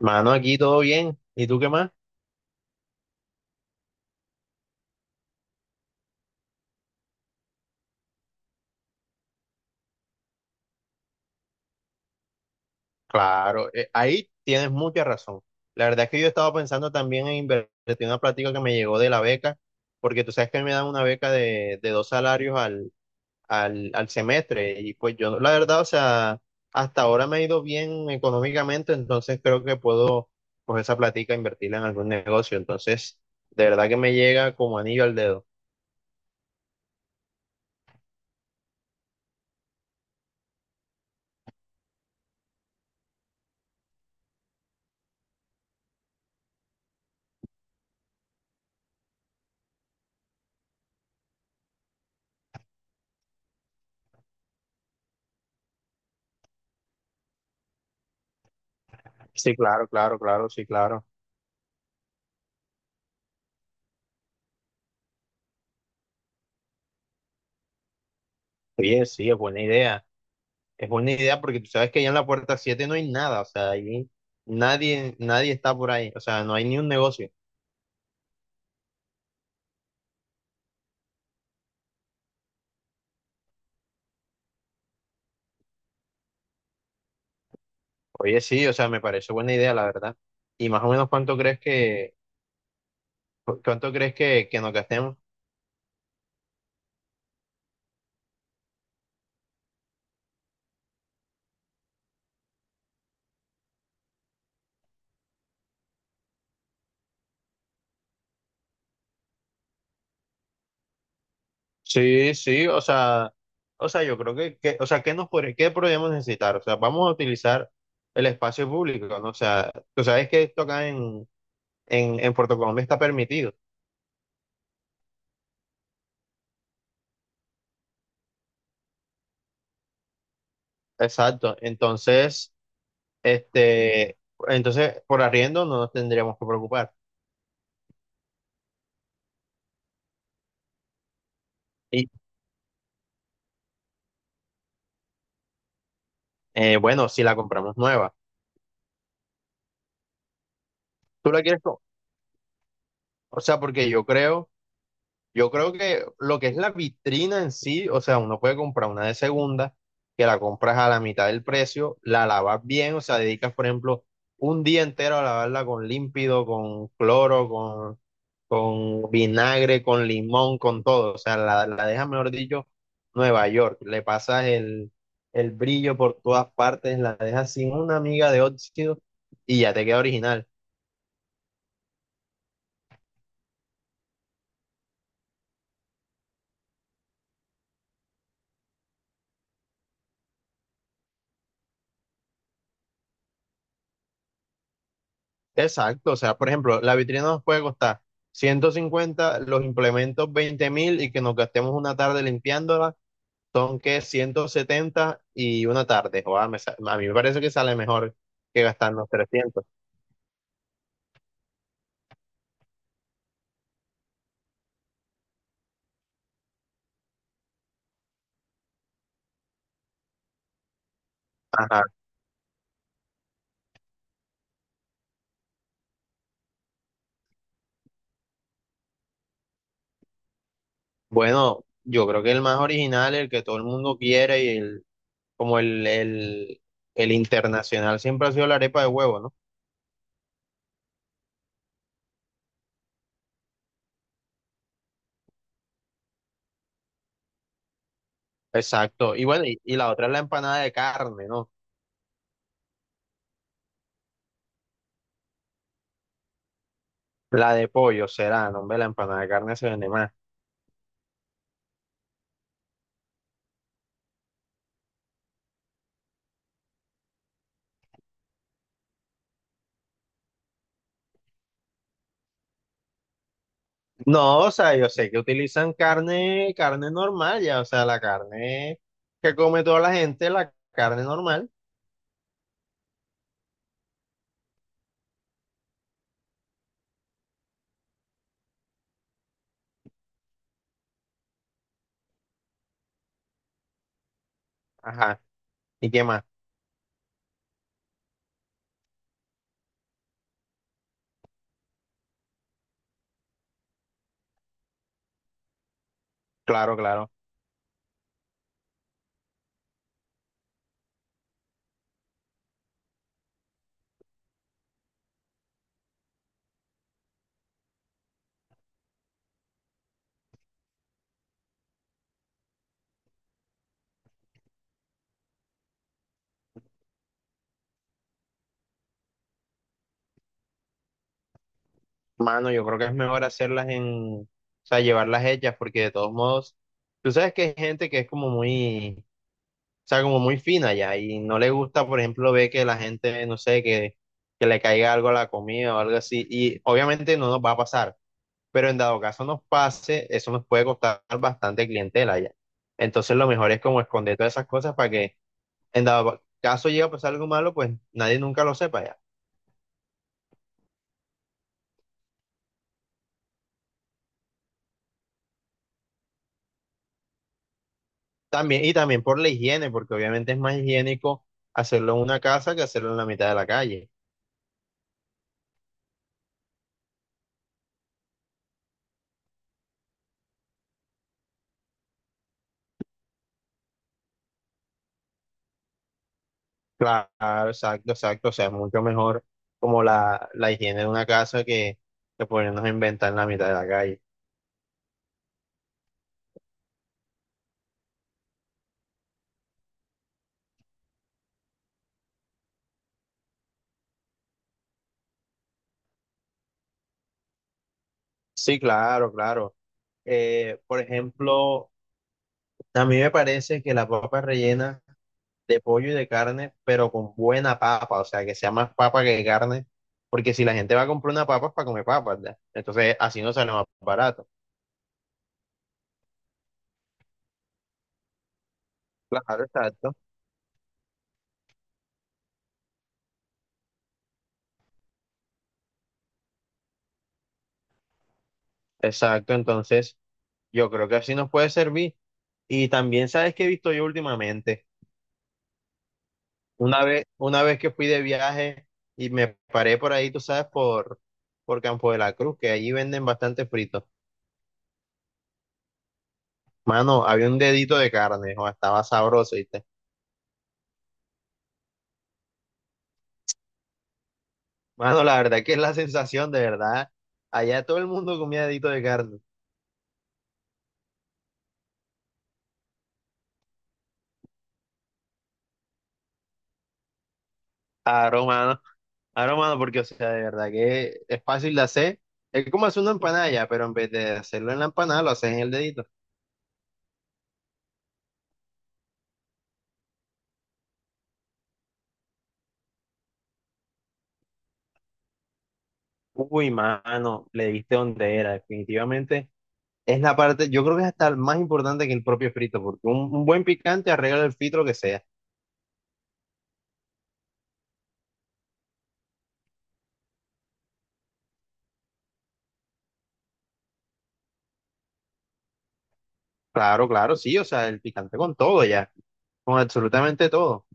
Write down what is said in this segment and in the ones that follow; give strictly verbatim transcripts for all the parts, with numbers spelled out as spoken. Mano, aquí todo bien. ¿Y tú qué más? Claro, eh, ahí tienes mucha razón. La verdad es que yo estaba pensando también en invertir en una plática que me llegó de la beca, porque tú sabes que me dan una beca de, de dos salarios al, al, al semestre. Y pues yo, la verdad, o sea, hasta ahora me ha ido bien económicamente, entonces creo que puedo, pues esa plática, e invertirla en algún negocio. Entonces, de verdad que me llega como anillo al dedo. Sí, claro, claro, claro, sí, claro. Oye, sí, es buena idea. Es buena idea porque tú sabes que allá en la puerta siete no hay nada, o sea, ahí nadie, nadie está por ahí, o sea, no hay ni un negocio. Oye, sí, o sea, me parece buena idea, la verdad. Y más o menos cuánto crees que, cu- cuánto crees que, que nos gastemos. Sí, sí, o sea, o sea, yo creo que, que- o sea, ¿qué nos podri- qué podríamos necesitar? O sea, vamos a utilizar el espacio público, ¿no? O sea, tú sabes que esto acá en, en, en Puerto Colombia está permitido. Exacto. Entonces, Este, entonces, por arriendo no nos tendríamos que preocupar. Y eh, bueno, si la compramos nueva, tú la quieres, co- o sea, porque yo creo. Yo creo que lo que es la vitrina en sí, o sea, uno puede comprar una de segunda, que la compras a la mitad del precio, la lavas bien, o sea, dedicas, por ejemplo, un día entero a lavarla con límpido, con cloro, con, con vinagre, con limón, con todo. O sea, la, la dejas, mejor dicho, Nueva York. Le pasas el, el brillo por todas partes, la dejas sin una miga de óxido y ya te queda original. Exacto, o sea, por ejemplo, la vitrina nos puede costar ciento cincuenta, los implementos veinte mil, y que nos gastemos una tarde limpiándola, son que ciento setenta y una tarde. Joder, me sa- a mí me parece que sale mejor que gastarnos trescientos. Ajá. Bueno, yo creo que el más original, el que todo el mundo quiere y el, como el, el, el internacional siempre ha sido la arepa de huevo, ¿no? Exacto, y bueno, y, y la otra es la empanada de carne, ¿no? La de pollo será, no, hombre, la empanada de carne se vende más. No, o sea, yo sé que utilizan carne, carne normal, ya, o sea, la carne que come toda la gente, la carne normal. Ajá. ¿Y qué más? Claro, claro. Mano, yo creo que es mejor hacerlas en, o sea, llevarlas hechas, porque de todos modos, tú sabes que hay gente que es como muy, o sea, como muy fina ya, y no le gusta, por ejemplo, ver que la gente, no sé, que, que le caiga algo a la comida o algo así, y obviamente no nos va a pasar. Pero en dado caso nos pase, eso nos puede costar bastante clientela ya. Entonces lo mejor es como esconder todas esas cosas para que en dado caso llegue a pasar algo malo, pues nadie nunca lo sepa ya. También, y también por la higiene, porque obviamente es más higiénico hacerlo en una casa que hacerlo en la mitad de la calle. Claro, exacto, exacto. O sea, es mucho mejor como la, la higiene de una casa que, que ponernos a inventar en la mitad de la calle. Sí, claro, claro. Eh, por ejemplo, a mí me parece que la papa rellena de pollo y de carne, pero con buena papa, o sea, que sea más papa que carne, porque si la gente va a comprar una papa es para comer papas, ¿verdad? Entonces, así no sale más barato. Claro, exacto. Exacto, entonces yo creo que así nos puede servir. Y también, ¿sabes qué he visto yo últimamente? Una vez, una vez que fui de viaje y me paré por ahí, tú sabes, por, por Campo de la Cruz, que allí venden bastante frito. Mano, había un dedito de carne, o estaba sabroso. Y mano, la verdad que es la sensación, de verdad. Allá todo el mundo comía dedito de carne. Aro, mano. Aro, mano, porque, o sea, de verdad que es fácil de hacer. Es como hacer una empanada ya, pero en vez de hacerlo en la empanada, lo haces en el dedito. Uy, mano, le diste donde era. Definitivamente es la parte, yo creo que es hasta más importante que el propio frito, porque un, un buen picante arregla el frito lo que sea. Claro, claro, sí, o sea, el picante con todo ya, con absolutamente todo.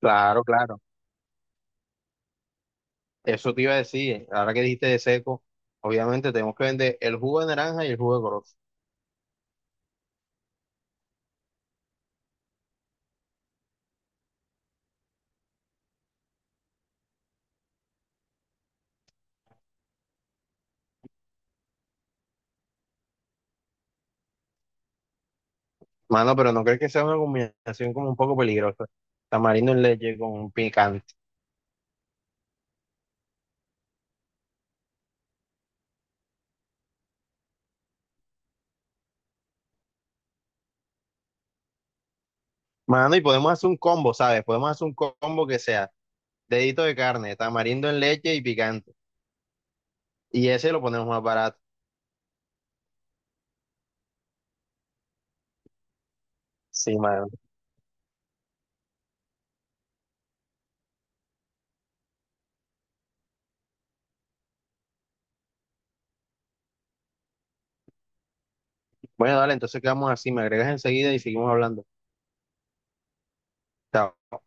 Claro, claro. Eso te iba a decir, ahora que dijiste de seco, obviamente tenemos que vender el jugo de naranja y el jugo de corozo. Mano, pero no crees que sea una combinación como un poco peligrosa. Tamarindo en leche con picante. Mano, y podemos hacer un combo, ¿sabes? Podemos hacer un combo que sea dedito de carne, tamarindo en leche y picante. Y ese lo ponemos más barato. Sí, mano. Bueno, dale, entonces quedamos así, me agregas enseguida y seguimos hablando. Chao.